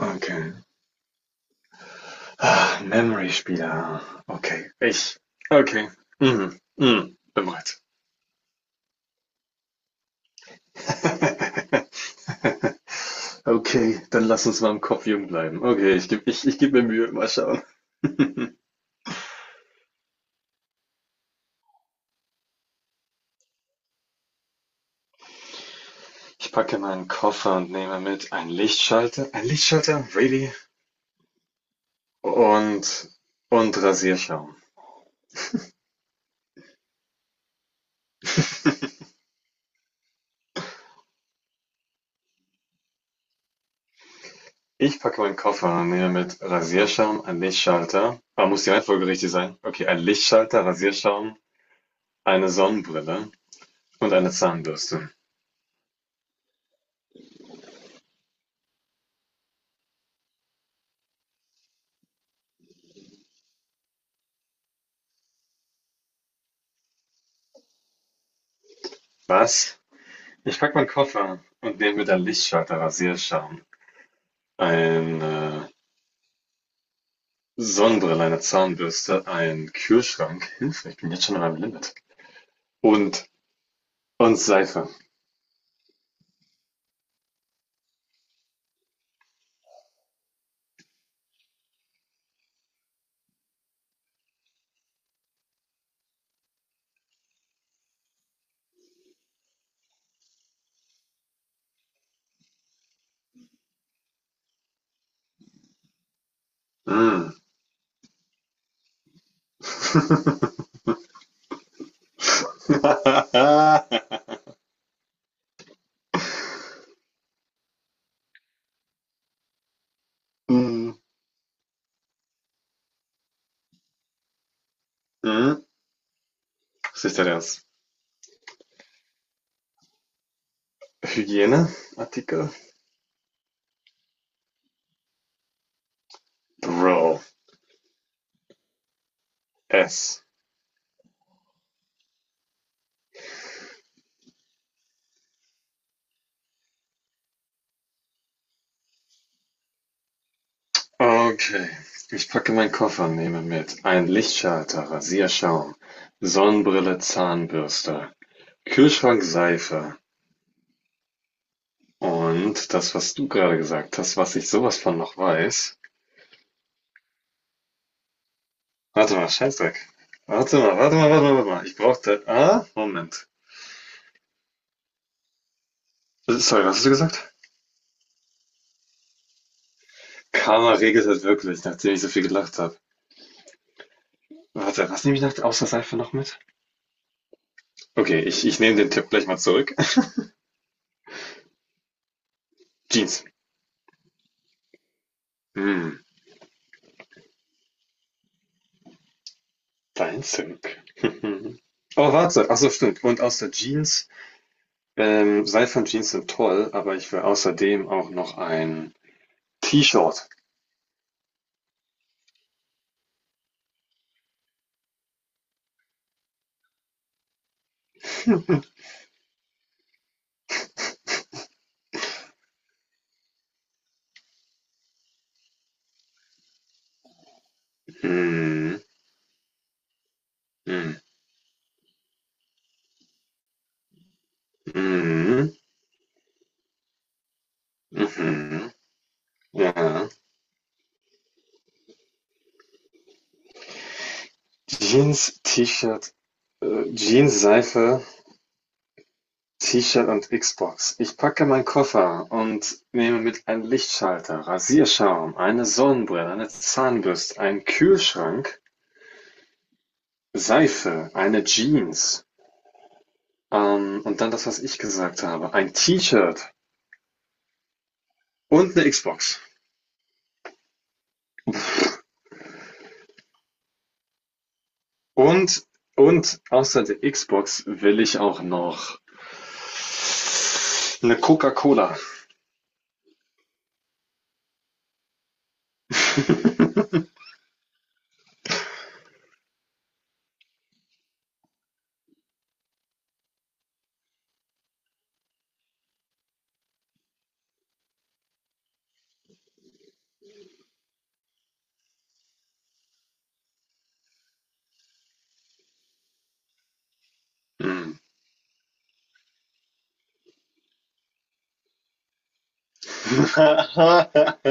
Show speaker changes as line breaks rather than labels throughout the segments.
Okay. Ah, memory spieler. Okay. Ich. Okay. Mhm. Mhm. Bin bereit. Okay, dann lass uns mal im Kopf jung bleiben. Okay, ich geb mir Mühe. Mal schauen. Ich packe meinen Koffer und nehme mit einen Lichtschalter. Ein Lichtschalter? Really? Und, und Rasierschaum. Ich packe meinen Koffer und nehme mit Rasierschaum, ein Lichtschalter. Ah, muss die Reihenfolge richtig sein? Okay, ein Lichtschalter, Rasierschaum, eine Sonnenbrille und eine Zahnbürste. Was? Ich packe meinen Koffer und nehme mit dann Lichtschalter, Rasierschaum, eine Sonnenbrille, eine Zahnbürste, einen Kühlschrank. Hilfe, ich bin jetzt schon an meinem Limit. Und, und Seife. Mm. Mm. Mm. Was ist denn ernst? Hygieneartikel? Bro. S. Okay. Ich packe meinen Koffer und nehme mit einen Lichtschalter, Rasierschaum, Sonnenbrille, Zahnbürste, Kühlschrankseife. Und das, was du gerade gesagt hast, was ich sowas von noch weiß, warte mal, Scheißdreck. Warte mal, warte mal, warte mal, warte mal. Ich brauchte. Ah, Moment. Sorry, was hast du gesagt? Karma regelt halt wirklich, nachdem ich so viel gelacht habe. Warte, was nehme ich nach, außer Seife noch mit? Okay, ich nehme den Tipp gleich mal zurück. Jeans. Hm, dein Tipp. Oh, warte. Achso, stimmt. Und außer Jeans. Seife und Jeans sind toll, aber ich will außerdem auch noch ein T-Shirt. Mhm. Mhm. Mhm. Mhm. Ja. Jeans, T-Shirt, Jeans, Seife, T-Shirt und Xbox. Ich packe meinen Koffer und nehme mit einen Lichtschalter, Rasierschaum, eine Sonnenbrille, eine Zahnbürste, einen Kühlschrank, Seife, eine Jeans, und dann das, was ich gesagt habe, ein T-Shirt und eine Xbox. Und, und außer der Xbox will ich auch noch eine Coca-Cola. Mm.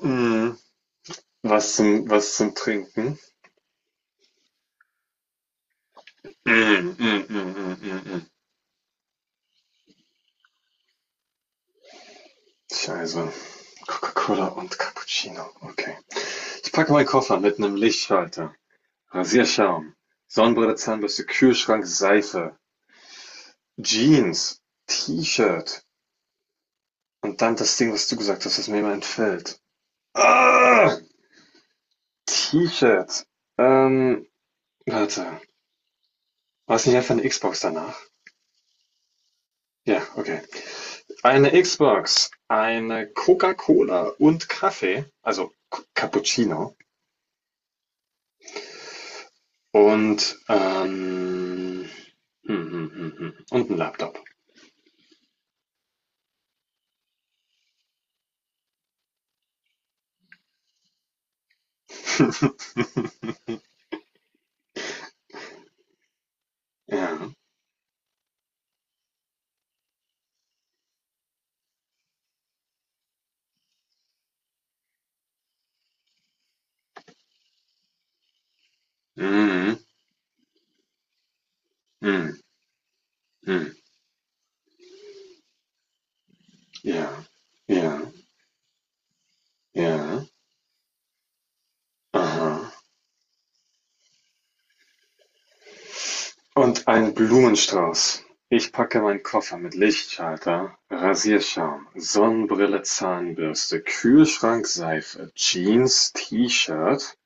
Mm. Was zum Trinken? Mm, mm, mm, mm, mm, mm. Ich also Coca-Cola und Cappuccino. Okay. Ich packe meinen Koffer mit einem Lichtschalter, Rasierschaum, Sonnenbrille, Zahnbürste, Kühlschrank, Seife, Jeans, T-Shirt und dann das Ding, was du gesagt hast, was mir immer entfällt. Ah, T-Shirt. Ähm, warte. War es nicht einfach eine Xbox danach? Ja, okay. Eine Xbox, eine Coca-Cola und Kaffee, also K Cappuccino und, hm, hm, hm, hm. Und ein Laptop. Ja. Mhm. Mhm. Mhm. Ja. Ja. Ja. Aha. Und ein Blumenstrauß. Ich packe meinen Koffer mit Lichtschalter, Rasierschaum, Sonnenbrille, Zahnbürste, Kühlschrank, Seife, Jeans, T-Shirt,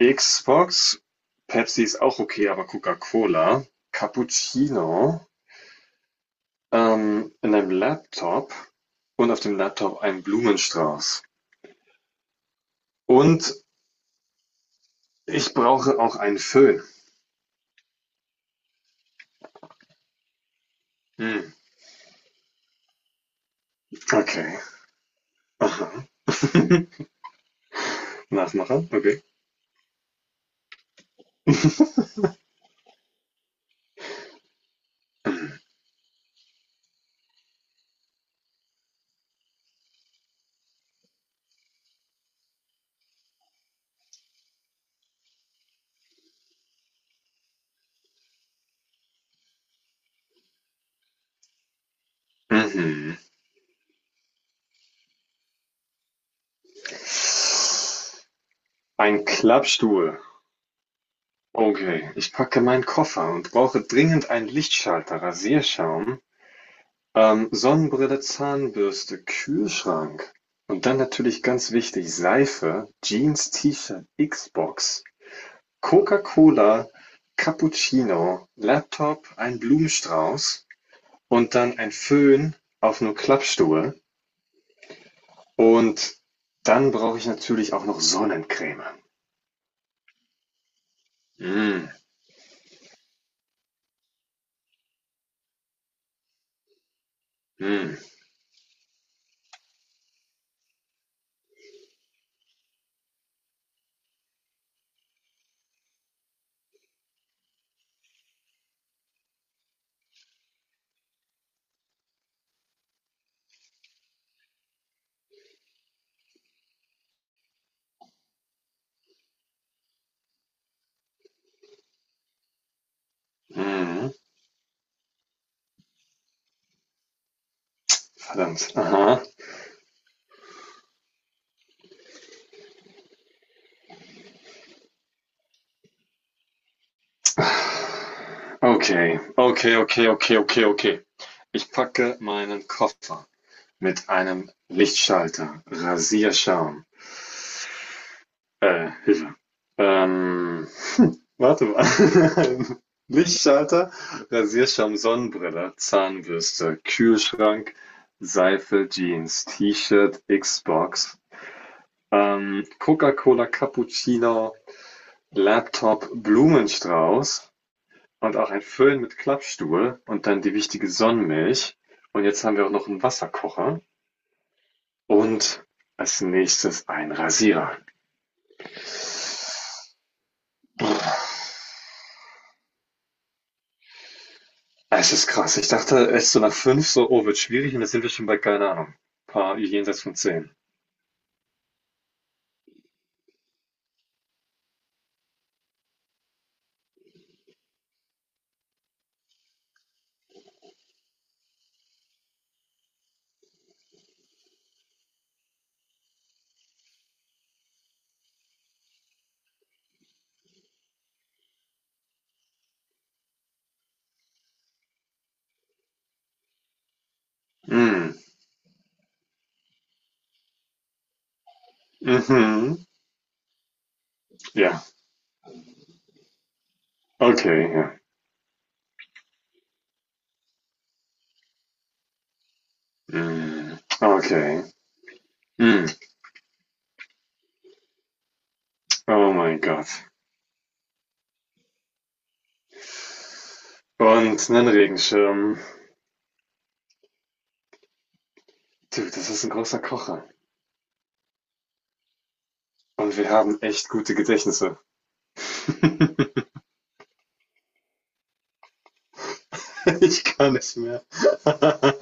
Xbox, Pepsi ist auch okay, aber Coca-Cola, Cappuccino, in einem Laptop und auf dem Laptop ein Blumenstrauß. Und ich brauche auch einen Föhn. Hm, okay. Aha. Nachmacher, okay. Mhm. Ein Klappstuhl. Okay, ich packe meinen Koffer und brauche dringend einen Lichtschalter, Rasierschaum, Sonnenbrille, Zahnbürste, Kühlschrank und dann natürlich ganz wichtig Seife, Jeans, T-Shirt, Xbox, Coca-Cola, Cappuccino, Laptop, ein Blumenstrauß und dann ein Föhn auf 'nem Klappstuhl und dann brauche ich natürlich auch noch Sonnencreme. Mm, mm, mhm, verdammt, aha. Okay, okay, okay, okay, okay, okay. Ich packe meinen Koffer. Mit einem Lichtschalter, Rasierschaum, Hilfe, ähm, warte mal. Lichtschalter, Rasierschaum, Sonnenbrille, Zahnbürste, Kühlschrank, Seife, Jeans, T-Shirt, Xbox, Coca-Cola, Cappuccino, Laptop, Blumenstrauß und auch ein Föhn mit Klappstuhl und dann die wichtige Sonnenmilch. Und jetzt haben wir auch noch einen Wasserkocher und als nächstes ein Rasierer. Es ist krass. Ich dachte echt so nach 5, so, oh, wird schwierig und jetzt sind wir schon bei, keine Ahnung, paar jenseits von 10. Mm. Mhm. Ja. Okay, ja. Mm. Okay. Mm. Oh mein Gott. Und einen Regenschirm. Dude, das ist ein großer Kocher. Und wir haben echt gute Gedächtnisse. Ich kann nicht mehr.